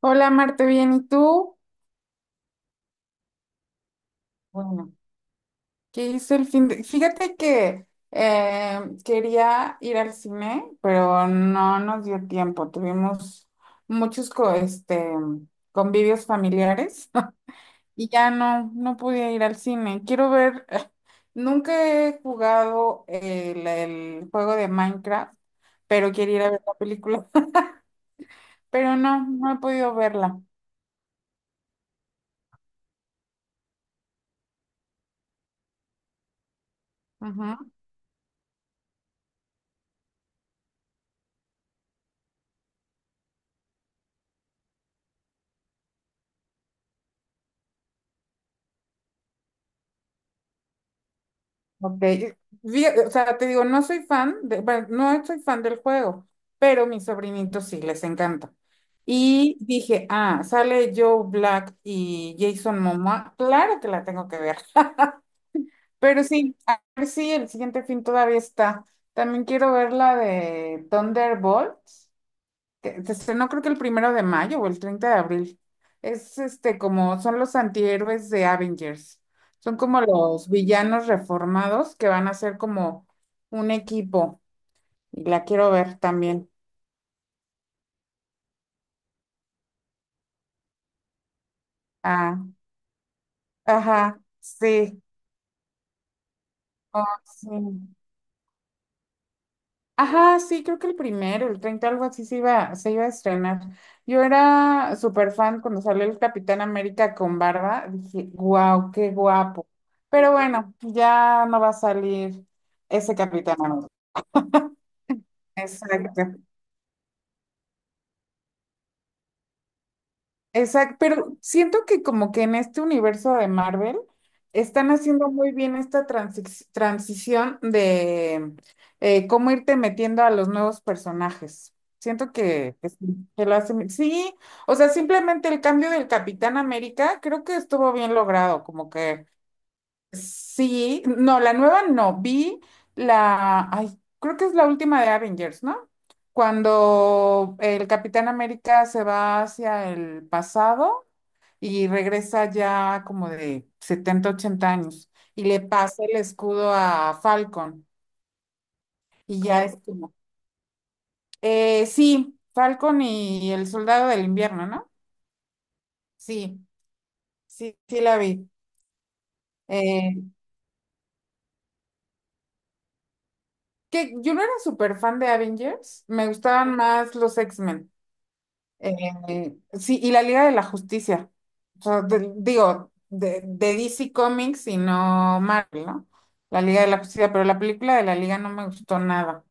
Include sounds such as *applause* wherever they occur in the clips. Hola Marte, bien, ¿y tú? Bueno, ¿qué hizo el fin de...? Fíjate que quería ir al cine, pero no nos dio tiempo. Tuvimos muchos convivios familiares. *laughs* Y ya no pude ir al cine. Quiero ver, *laughs* nunca he jugado el juego de Minecraft, pero quiero ir a ver la película, *laughs* pero no he podido verla. Ok, o sea, te digo, no soy fan, bueno, no soy fan del juego, pero mis sobrinitos sí les encanta. Y dije, ah, sale Joe Black y Jason Momoa, claro que la tengo que ver. *laughs* Pero sí, a ver si el siguiente fin todavía está. También quiero ver la de Thunderbolt, que se estrenó creo que el primero de mayo o el 30 de abril. Es este como son los antihéroes de Avengers. Son como los villanos reformados que van a ser como un equipo. Y la quiero ver también. Ah, ajá, sí. Ah, sí. Ajá, sí, creo que el primero, el 30 algo así se iba a estrenar. Yo era súper fan cuando salió el Capitán América con barba. Dije, wow, qué guapo. Pero bueno, ya no va a salir ese Capitán América. Exacto. Exacto, pero siento que como que en este universo de Marvel están haciendo muy bien esta transición de cómo irte metiendo a los nuevos personajes. Siento que sí, que lo hacen. Sí, o sea, simplemente el cambio del Capitán América creo que estuvo bien logrado, como que sí, no, la nueva no, vi la, ay, creo que es la última de Avengers, ¿no? Cuando el Capitán América se va hacia el pasado y regresa ya como de 70 80 años y le pasa el escudo a Falcon y ya es como, sí, Falcon y el soldado del invierno, ¿no? Sí, sí la vi. Eh, que yo no era súper fan de Avengers, me gustaban más los X-Men. Sí, y la Liga de la Justicia. O sea, digo, de DC Comics y no Marvel, ¿no? La Liga de la Justicia, pero la película de la Liga no me gustó nada.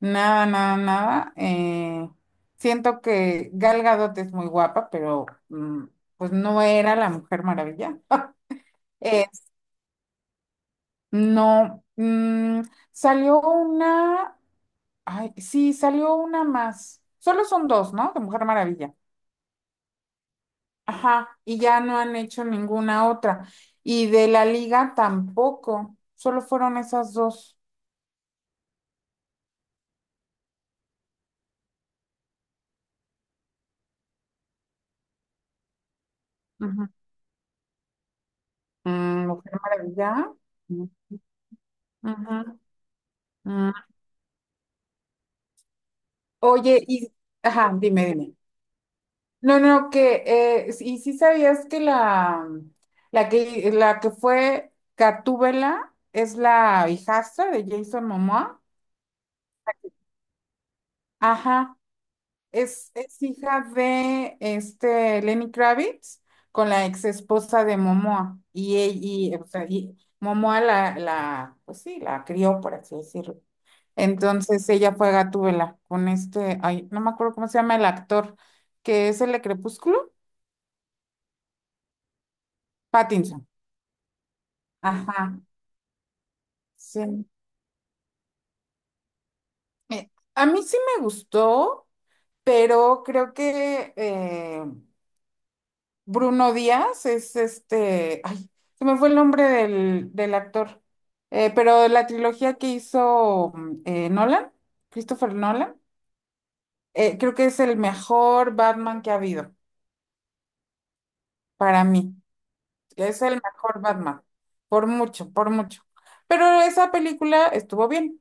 Nada, nada, nada. Siento que Gal Gadot es muy guapa, pero mm, pues no era la Mujer Maravilla. *laughs* Eh, no, mm, salió una, ay, sí, salió una más. Solo son dos, ¿no? De Mujer Maravilla. Ajá, y ya no han hecho ninguna otra. Y de la Liga tampoco. Solo fueron esas dos. Ujú. Mm, Mujer Maravilla. Ujú. Ujú. Mm, oye, y, ajá, dime, dime. No, no, que y sí sabías que la que la que fue Gatúbela es la hijastra de Jason Momoa. Ajá, es hija de este Lenny Kravitz con la ex esposa de Momoa o sea, y Momoa la pues sí, la crió por así decirlo. Entonces ella fue Gatúbela con este, ay, no me acuerdo cómo se llama el actor que es el de Crepúsculo, Pattinson. Ajá. Sí. A mí sí me gustó, pero creo que Bruno Díaz es este, ay, se me fue el nombre del actor. Pero la trilogía que hizo Nolan, Christopher Nolan, creo que es el mejor Batman que ha habido para mí. Es el mejor Batman, por mucho, por mucho. Pero esa película estuvo bien.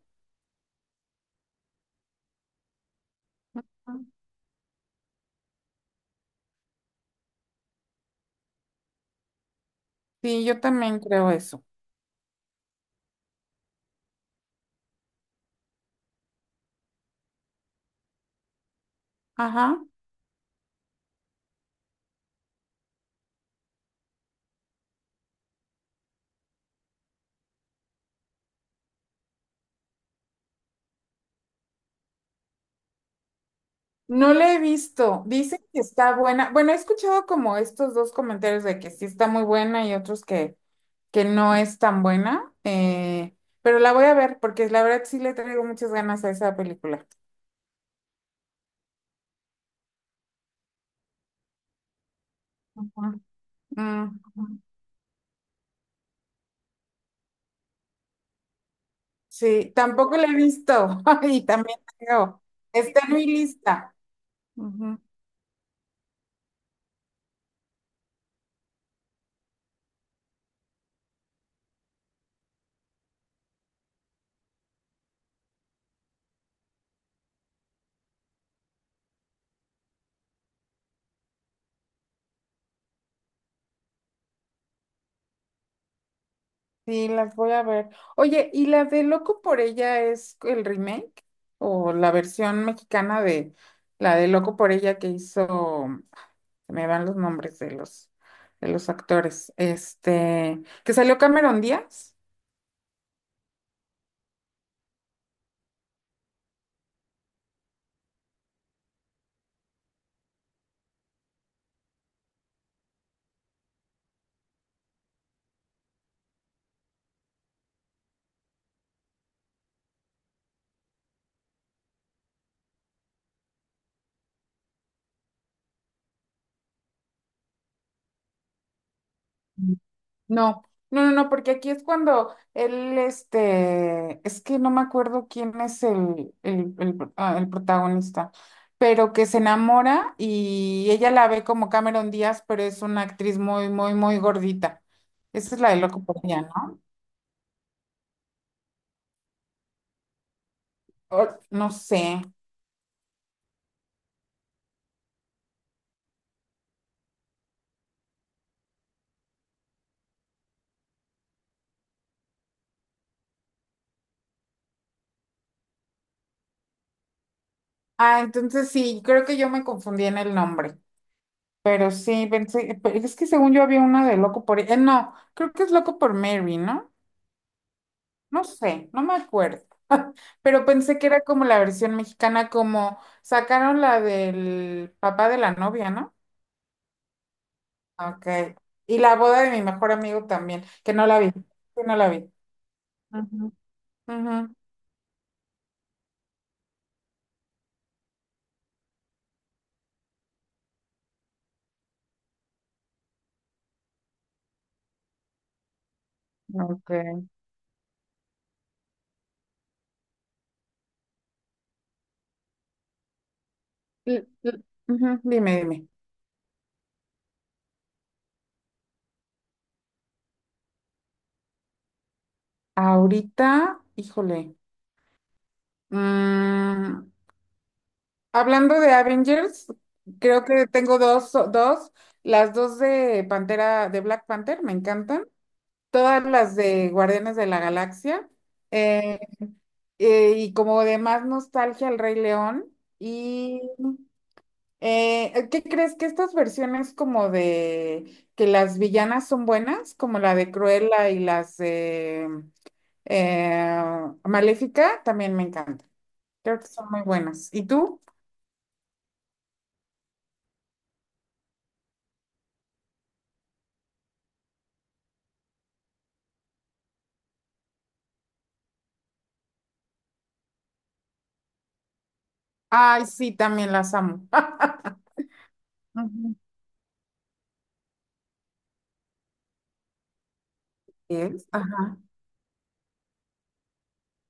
Sí, yo también creo eso. Ajá. No la he visto. Dicen que está buena. Bueno, he escuchado como estos dos comentarios de que sí está muy buena y otros que no es tan buena. Pero la voy a ver porque la verdad sí le traigo muchas ganas a esa película. Ujú. Mm, sí, tampoco la he visto *laughs* y también tengo. Está en mi lista. Ujú. Sí, las voy a ver. Oye, ¿y la de Loco por ella es el remake o la versión mexicana de la de Loco por ella que hizo? Se me van los nombres de de los actores, este, que salió Cameron Díaz. Mm. No, no, no, no, porque aquí es cuando él, este, es que no me acuerdo quién es el ah, el protagonista, pero que se enamora y ella la ve como Cameron Díaz, pero es una actriz muy, muy, muy gordita. Esa es la de Loco por Día, ¿no? No sé. Ah, entonces sí, creo que yo me confundí en el nombre. Pero sí, pensé, pero es que según yo había una de Loco por... no, creo que es Loco por Mary, ¿no? No sé, no me acuerdo. Pero pensé que era como la versión mexicana, como sacaron la del papá de la novia, ¿no? Ok. Y la boda de mi mejor amigo también, que no la vi, que no la vi. Ujú, ujú, ok. L- l- ujú, dime, dime. Ahorita, híjole. Mm, hablando de Avengers, creo que tengo dos, las dos de Pantera, de Black Panther, me encantan, todas las de Guardianes de la Galaxia, eh, y como de más nostalgia El Rey León, y ¿qué crees que estas versiones como de que las villanas son buenas, como la de Cruella y las de eh, Maléfica, también me encantan, creo que son muy buenas. ¿Y tú? Ay, sí, también las amo. *laughs* Ujú. Es, ajá.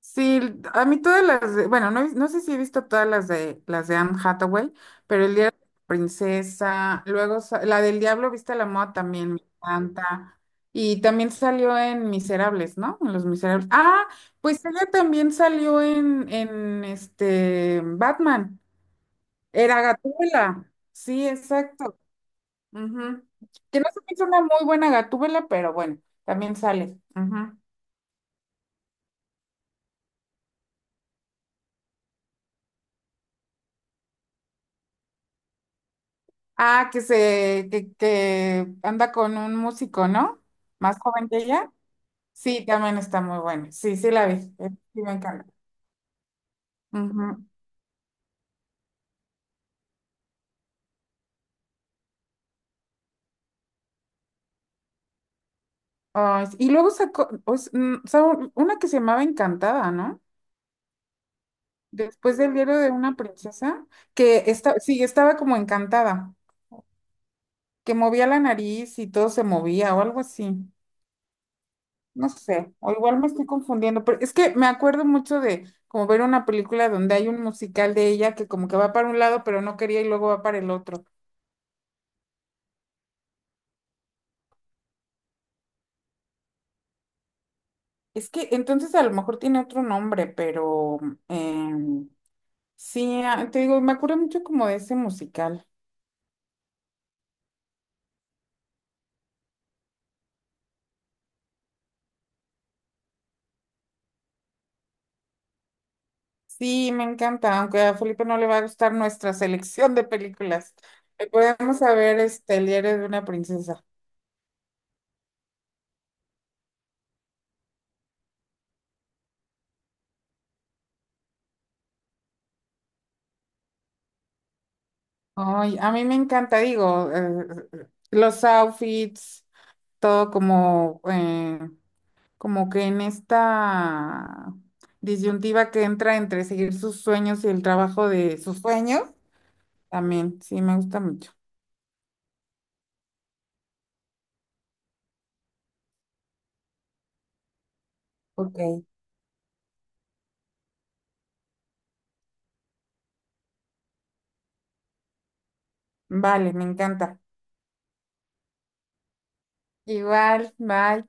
Sí, a mí todas las de, bueno, no, no sé si he visto todas las de Anne Hathaway, pero el día de la princesa, luego la del diablo viste a la moda también me encanta. Y también salió en Miserables, ¿no? En Los Miserables. Ah, pues ella también salió en este Batman. Era Gatúbela. Sí, exacto. Ujú. Que no se me hizo una muy buena Gatúbela, pero bueno, también sale. Ujú. Ah, que anda con un músico, ¿no? Más joven que ella. Sí, también está muy buena. Sí, sí la vi. Sí, me encanta. Ujú. Ay, sí, y luego sacó, sacó una que se llamaba Encantada, ¿no? Después del diario de una princesa, que está, sí, estaba como encantada, que movía la nariz y todo se movía o algo así. No sé, o igual me estoy confundiendo, pero es que me acuerdo mucho de como ver una película donde hay un musical de ella que como que va para un lado, pero no quería y luego va para el otro. Es que entonces a lo mejor tiene otro nombre, pero em, sí, ah, te digo, me acuerdo mucho como de ese musical. Sí, me encanta, aunque a Felipe no le va a gustar nuestra selección de películas. Podemos saber este, El diario de una princesa. Ay, a mí me encanta, digo, los outfits. Todo como, como que en esta disyuntiva que entra entre seguir sus sueños y el trabajo de sus sueños, también, sí, me gusta mucho. Ok. Vale, me encanta. Igual, bye.